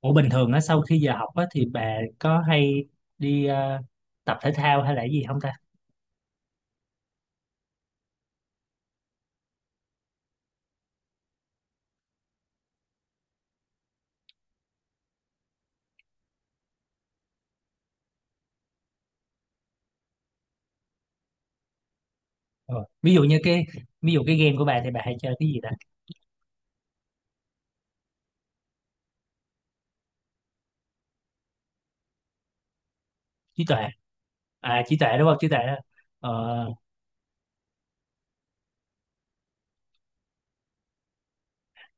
Ủa bình thường á sau khi giờ học á thì bà có hay đi tập thể thao hay là cái gì không ta? Ờ. Ví dụ như cái ví dụ cái game của bà thì bà hay chơi cái gì ta? Trí tuệ. À trí tuệ đúng không? Trí tuệ đó. Ờ.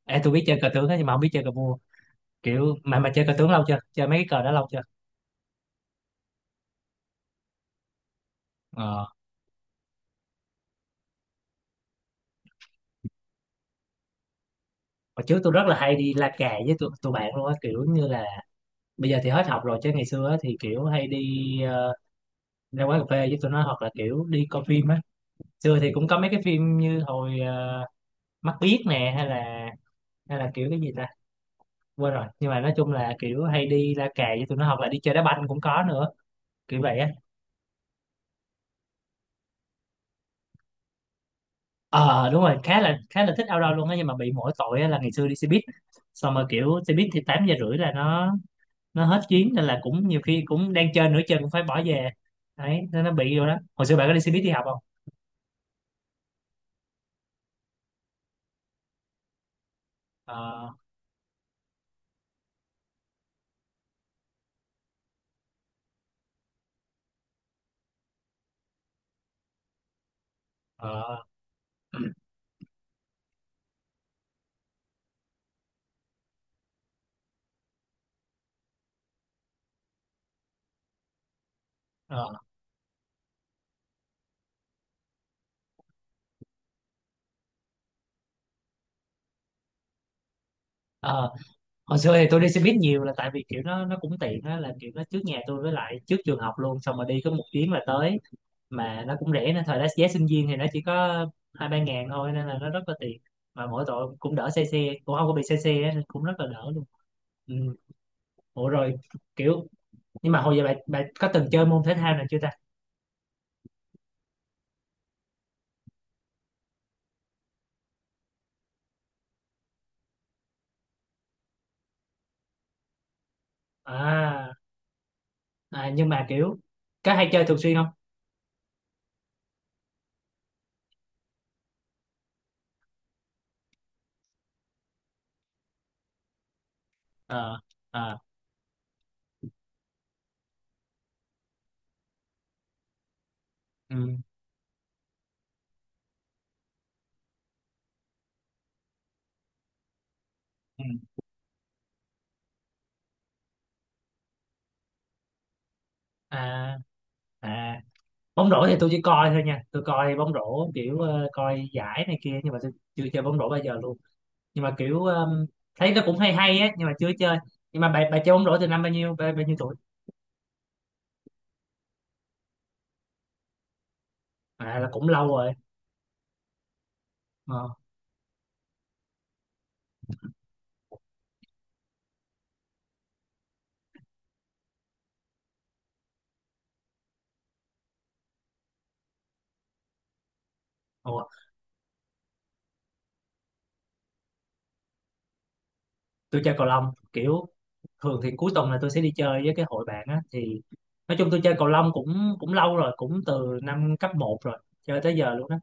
À, tôi biết chơi cờ tướng á nhưng mà không biết chơi cờ vua. Kiểu mà chơi cờ tướng lâu chưa? Chơi mấy cái cờ đó lâu chưa? Ờ. Hồi trước tôi rất là hay đi la cà với tụi bạn luôn á, kiểu như là bây giờ thì hết học rồi, chứ ngày xưa á thì kiểu hay đi ờ, ra quán cà phê với tụi nó hoặc là kiểu đi coi phim á. Xưa thì cũng có mấy cái phim như hồi mắt biếc nè, hay là kiểu cái gì ta, quên rồi, nhưng mà nói chung là kiểu hay đi la cà với tụi nó hoặc là đi chơi đá banh cũng có nữa, kiểu vậy á. Ờ Đúng rồi, khá là thích outdoor luôn á, nhưng mà bị mỗi tội á là ngày xưa đi xe buýt, xong rồi kiểu xe buýt thì 8h30 là nó hết chuyến, nên là cũng nhiều khi cũng đang chơi nửa chân cũng phải bỏ về. Đấy, nên nó bị rồi đó. Hồi xưa bạn có đi xe buýt đi học không? Ờ. Ờ. Ờ. Ờ. Hồi xưa thì tôi đi xe buýt nhiều là tại vì kiểu nó cũng tiện á, là kiểu nó trước nhà tôi với lại trước trường học luôn, xong rồi đi có một chuyến là tới, mà nó cũng rẻ, nên thời đó giá sinh viên thì nó chỉ có hai ba ngàn thôi, nên là nó rất là tiền, mà mỗi tội cũng đỡ xe, xe cũng không có bị xe xe á, nên cũng rất là đỡ luôn. Ừ. Ủa rồi kiểu, nhưng mà hồi giờ bạn bạn có từng chơi môn thể thao nào chưa ta? À. À, nhưng mà kiểu có hay chơi thường xuyên không? Ờ. Ờ. Ừ. Ừ. À. À, bóng rổ thì tôi chỉ coi thôi nha, tôi coi bóng rổ kiểu coi giải này kia, nhưng mà tôi chưa chơi bóng rổ bao giờ luôn, nhưng mà kiểu thấy nó cũng hay hay á, nhưng mà chưa chơi. Nhưng mà bà chơi bóng rổ từ năm bao nhiêu, bao nhiêu tuổi? À, là cũng lâu rồi. Ờ. Ủa, tôi chơi cầu lông kiểu, thường thì cuối tuần là tôi sẽ đi chơi với cái hội bạn á, thì nói chung tôi chơi cầu lông cũng cũng lâu rồi, cũng từ năm cấp một rồi, chơi tới giờ luôn á,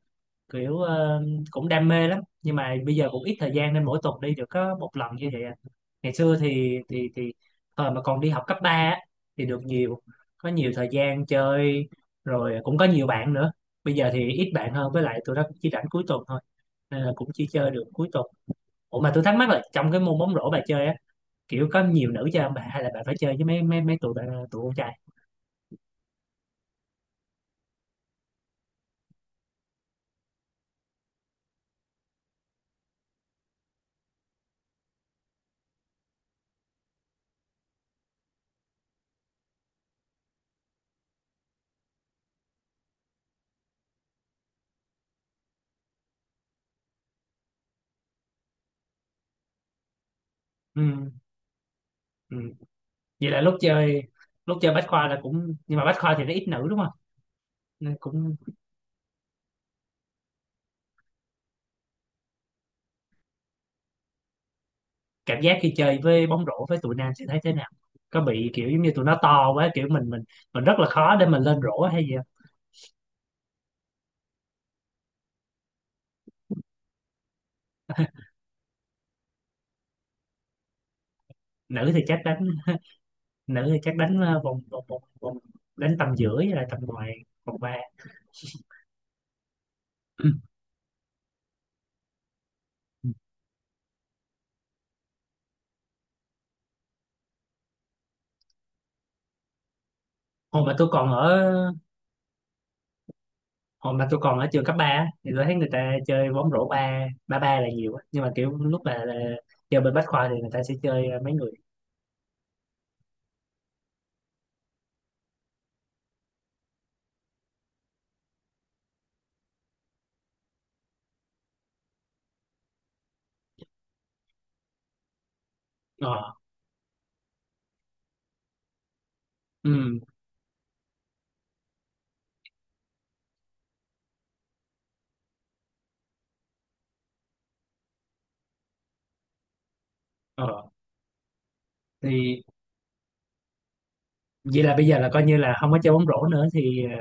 kiểu cũng đam mê lắm, nhưng mà bây giờ cũng ít thời gian nên mỗi tuần đi được có một lần như vậy à. Ngày xưa thì thời mà còn đi học cấp 3 á, thì được nhiều, có nhiều thời gian chơi, rồi cũng có nhiều bạn nữa. Bây giờ thì ít bạn hơn, với lại tụi nó cũng chỉ rảnh cuối tuần thôi, nên là cũng chỉ chơi được cuối tuần. Ủa mà tôi thắc mắc là trong cái môn bóng rổ bà chơi á, kiểu có nhiều nữ chơi không bà, hay là bạn phải chơi với mấy mấy mấy tụi bạn, tụi con trai? Ừ. Ừ. Vậy là lúc chơi, lúc chơi bách khoa là cũng, nhưng mà bách khoa thì nó ít nữ đúng không, nên cũng, cảm giác khi chơi với bóng rổ với tụi nam sẽ thấy thế nào? Có bị kiểu giống như tụi nó to quá, kiểu mình rất là khó để mình lên rổ hay gì không? Nữ thì chắc đánh, nữ thì chắc đánh vòng đánh tầm giữa với lại tầm ngoài, vòng ba. Hồi mà tôi còn ở, hồi mà tôi còn ở trường cấp 3 á, thì tôi thấy người ta chơi bóng rổ ba ba ba là nhiều á. Nhưng mà kiểu lúc là chơi bên Bách Khoa thì người ta sẽ chơi mấy người. Ờ. Ừ. Ờ. Thì, vậy là bây giờ là coi như là không có chơi bóng rổ nữa, thì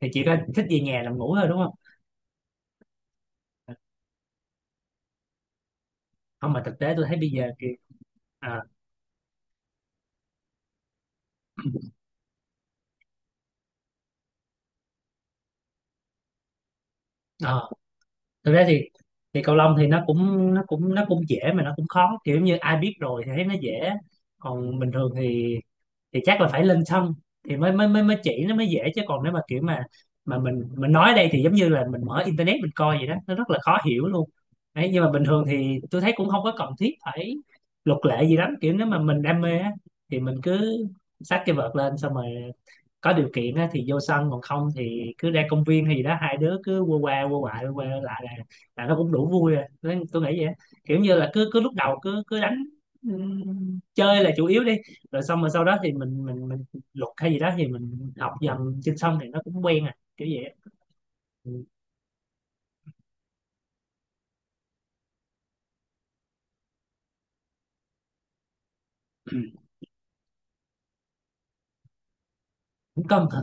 thì chỉ có thích về nhà nằm ngủ thôi đúng không? Không, mà thực tế tôi thấy bây giờ kìa. À. ờ, Thực tế thì cầu lông thì nó cũng nó cũng dễ, mà nó cũng khó, kiểu như ai biết rồi thì thấy nó dễ, còn bình thường thì chắc là phải lên sân thì mới mới mới mới chỉ nó mới dễ, chứ còn nếu mà kiểu mà mình nói ở đây thì giống như là mình mở internet mình coi vậy đó, nó rất là khó hiểu luôn. Đấy, nhưng mà bình thường thì tôi thấy cũng không có cần thiết phải luật lệ gì lắm, kiểu nếu mà mình đam mê á thì mình cứ xách cái vợt lên, xong rồi có điều kiện á thì vô sân, còn không thì cứ ra công viên hay gì đó, hai đứa cứ qua qua qua lại lại là, là nó cũng đủ vui rồi. Thế tôi nghĩ vậy á. Kiểu như là cứ cứ lúc đầu cứ cứ đánh, chơi là chủ yếu đi, rồi xong rồi sau đó thì mình luật hay gì đó thì mình học dần trên sân thì nó cũng quen à, kiểu vậy á. Ừ. Cũng cân thử,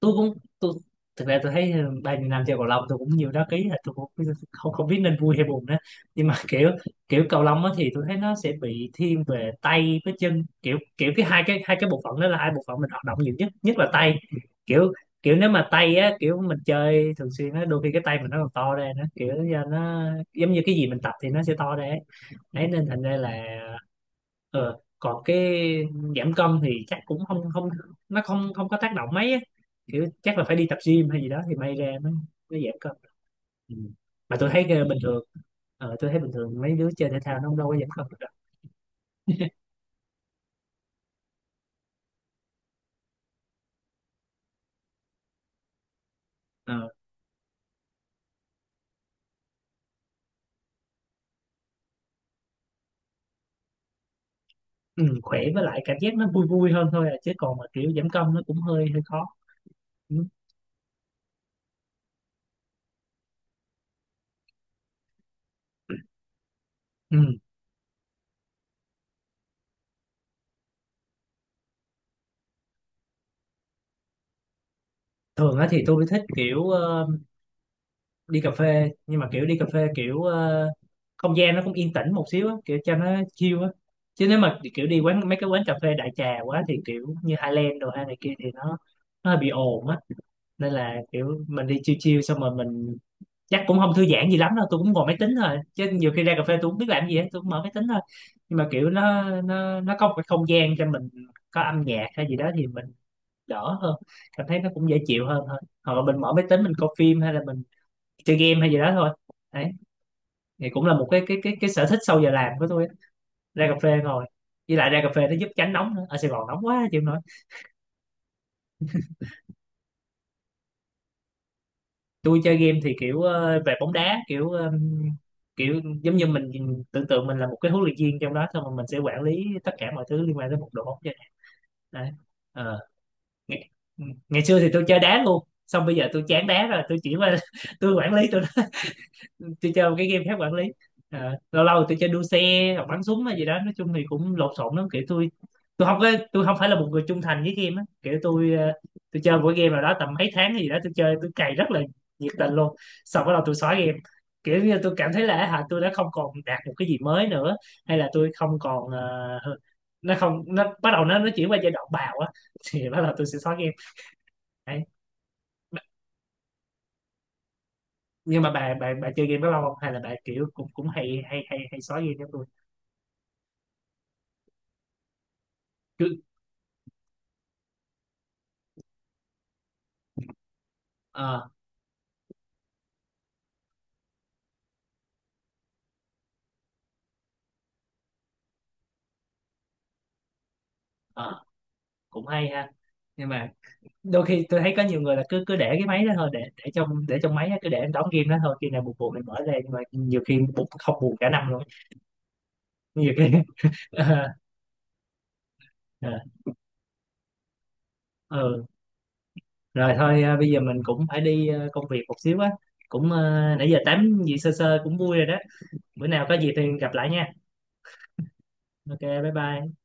tôi, thực ra tôi thấy bao nhiêu năm chơi cầu lông tôi cũng nhiều đá ký, là tôi cũng không không biết nên vui hay buồn nữa, nhưng mà kiểu, kiểu cầu lông á thì tôi thấy nó sẽ bị thiên về tay với chân, kiểu kiểu cái hai cái bộ phận đó là hai bộ phận mình hoạt động nhiều nhất, nhất là tay, kiểu kiểu nếu mà tay á, kiểu mình chơi thường xuyên á, đôi khi cái tay mình nó còn to ra nữa, kiểu do nó giống như cái gì mình tập thì nó sẽ to ra ấy. Đấy, nên thành ra là còn cái giảm cân thì chắc cũng không không, nó không không có tác động mấy á. Kiểu chắc là phải đi tập gym hay gì đó thì may ra nó giảm cân. Ừ. Mà tôi thấy bình thường, tôi thấy bình thường mấy đứa chơi thể thao nó không đâu có giảm cân được đâu. Ờ. ừ, Khỏe với lại cảm giác nó vui vui hơn thôi à, chứ còn mà kiểu giảm cân nó cũng hơi hơi khó. Ừ. Ừ. Thường á thì tôi thích kiểu đi cà phê, nhưng mà kiểu đi cà phê kiểu không gian nó cũng yên tĩnh một xíu á, kiểu cho nó chill á, chứ nếu mà kiểu đi quán mấy cái quán cà phê đại trà quá thì kiểu như Highland đồ hay này kia thì nó hơi bị ồn á, nên là kiểu mình đi chill chill xong rồi mình, chắc cũng không thư giãn gì lắm đâu, tôi cũng ngồi máy tính thôi, chứ nhiều khi ra cà phê tôi cũng biết làm gì hết, tôi cũng mở máy tính thôi, nhưng mà kiểu nó có một cái không gian cho mình, có âm nhạc hay gì đó thì mình đỡ hơn, cảm thấy nó cũng dễ chịu hơn thôi, hoặc là mình mở máy tính mình coi phim, hay là mình chơi game hay gì đó thôi. Đấy, thì cũng là một cái sở thích sau giờ làm của tôi á. Ra cà phê ngồi, với lại ra cà phê nó giúp tránh nóng nữa, ở Sài Gòn nóng quá chịu không nổi. Tôi chơi game thì kiểu về bóng đá, kiểu kiểu giống như mình tưởng tượng mình là một cái huấn luyện viên trong đó, xong rồi mình sẽ quản lý tất cả mọi thứ liên quan tới một đội bóng vậy. Đấy. Ờ, ngày, Ngày xưa thì tôi chơi đá luôn, xong bây giờ tôi chán đá rồi, tôi chỉ qua tôi quản lý, tôi chơi một cái game khác, quản lý. Ờ, lâu lâu tôi chơi đua xe hoặc bắn súng hay gì đó, nói chung thì cũng lộn xộn lắm, kiểu tôi không có, tôi không phải là một người trung thành với game á, kiểu tôi tôi chơi mỗi game nào đó tầm mấy tháng hay gì đó, tôi chơi tôi cày rất là nhiệt tình luôn, xong bắt đầu tôi xóa game, kiểu như tôi cảm thấy là hả, tôi đã không còn đạt một cái gì mới nữa, hay là tôi không còn nó không nó bắt đầu nó chuyển qua giai đoạn bào á, thì bắt đầu tôi sẽ xóa game. Đấy. Nhưng mà bà chơi game bao lâu không, hay là bà kiểu cũng cũng hay hay hay hay xóa game giống tôi? Ờ. Ờ. Cũng hay ha. Nhưng mà đôi khi tôi thấy có nhiều người là cứ cứ để cái máy đó thôi, để để trong máy á, cứ để em đóng game đó thôi, khi nào buồn buồn mình mở ra, nhưng mà nhiều khi buồn, không buồn cả năm luôn á. Nhiều khi ờ. Ờ. Ừ. Rồi thôi à, bây giờ mình cũng phải đi à, công việc một xíu á, cũng à, nãy giờ tám gì sơ sơ cũng vui rồi đó, bữa nào có gì thì gặp lại nha. Ok. Bye bye.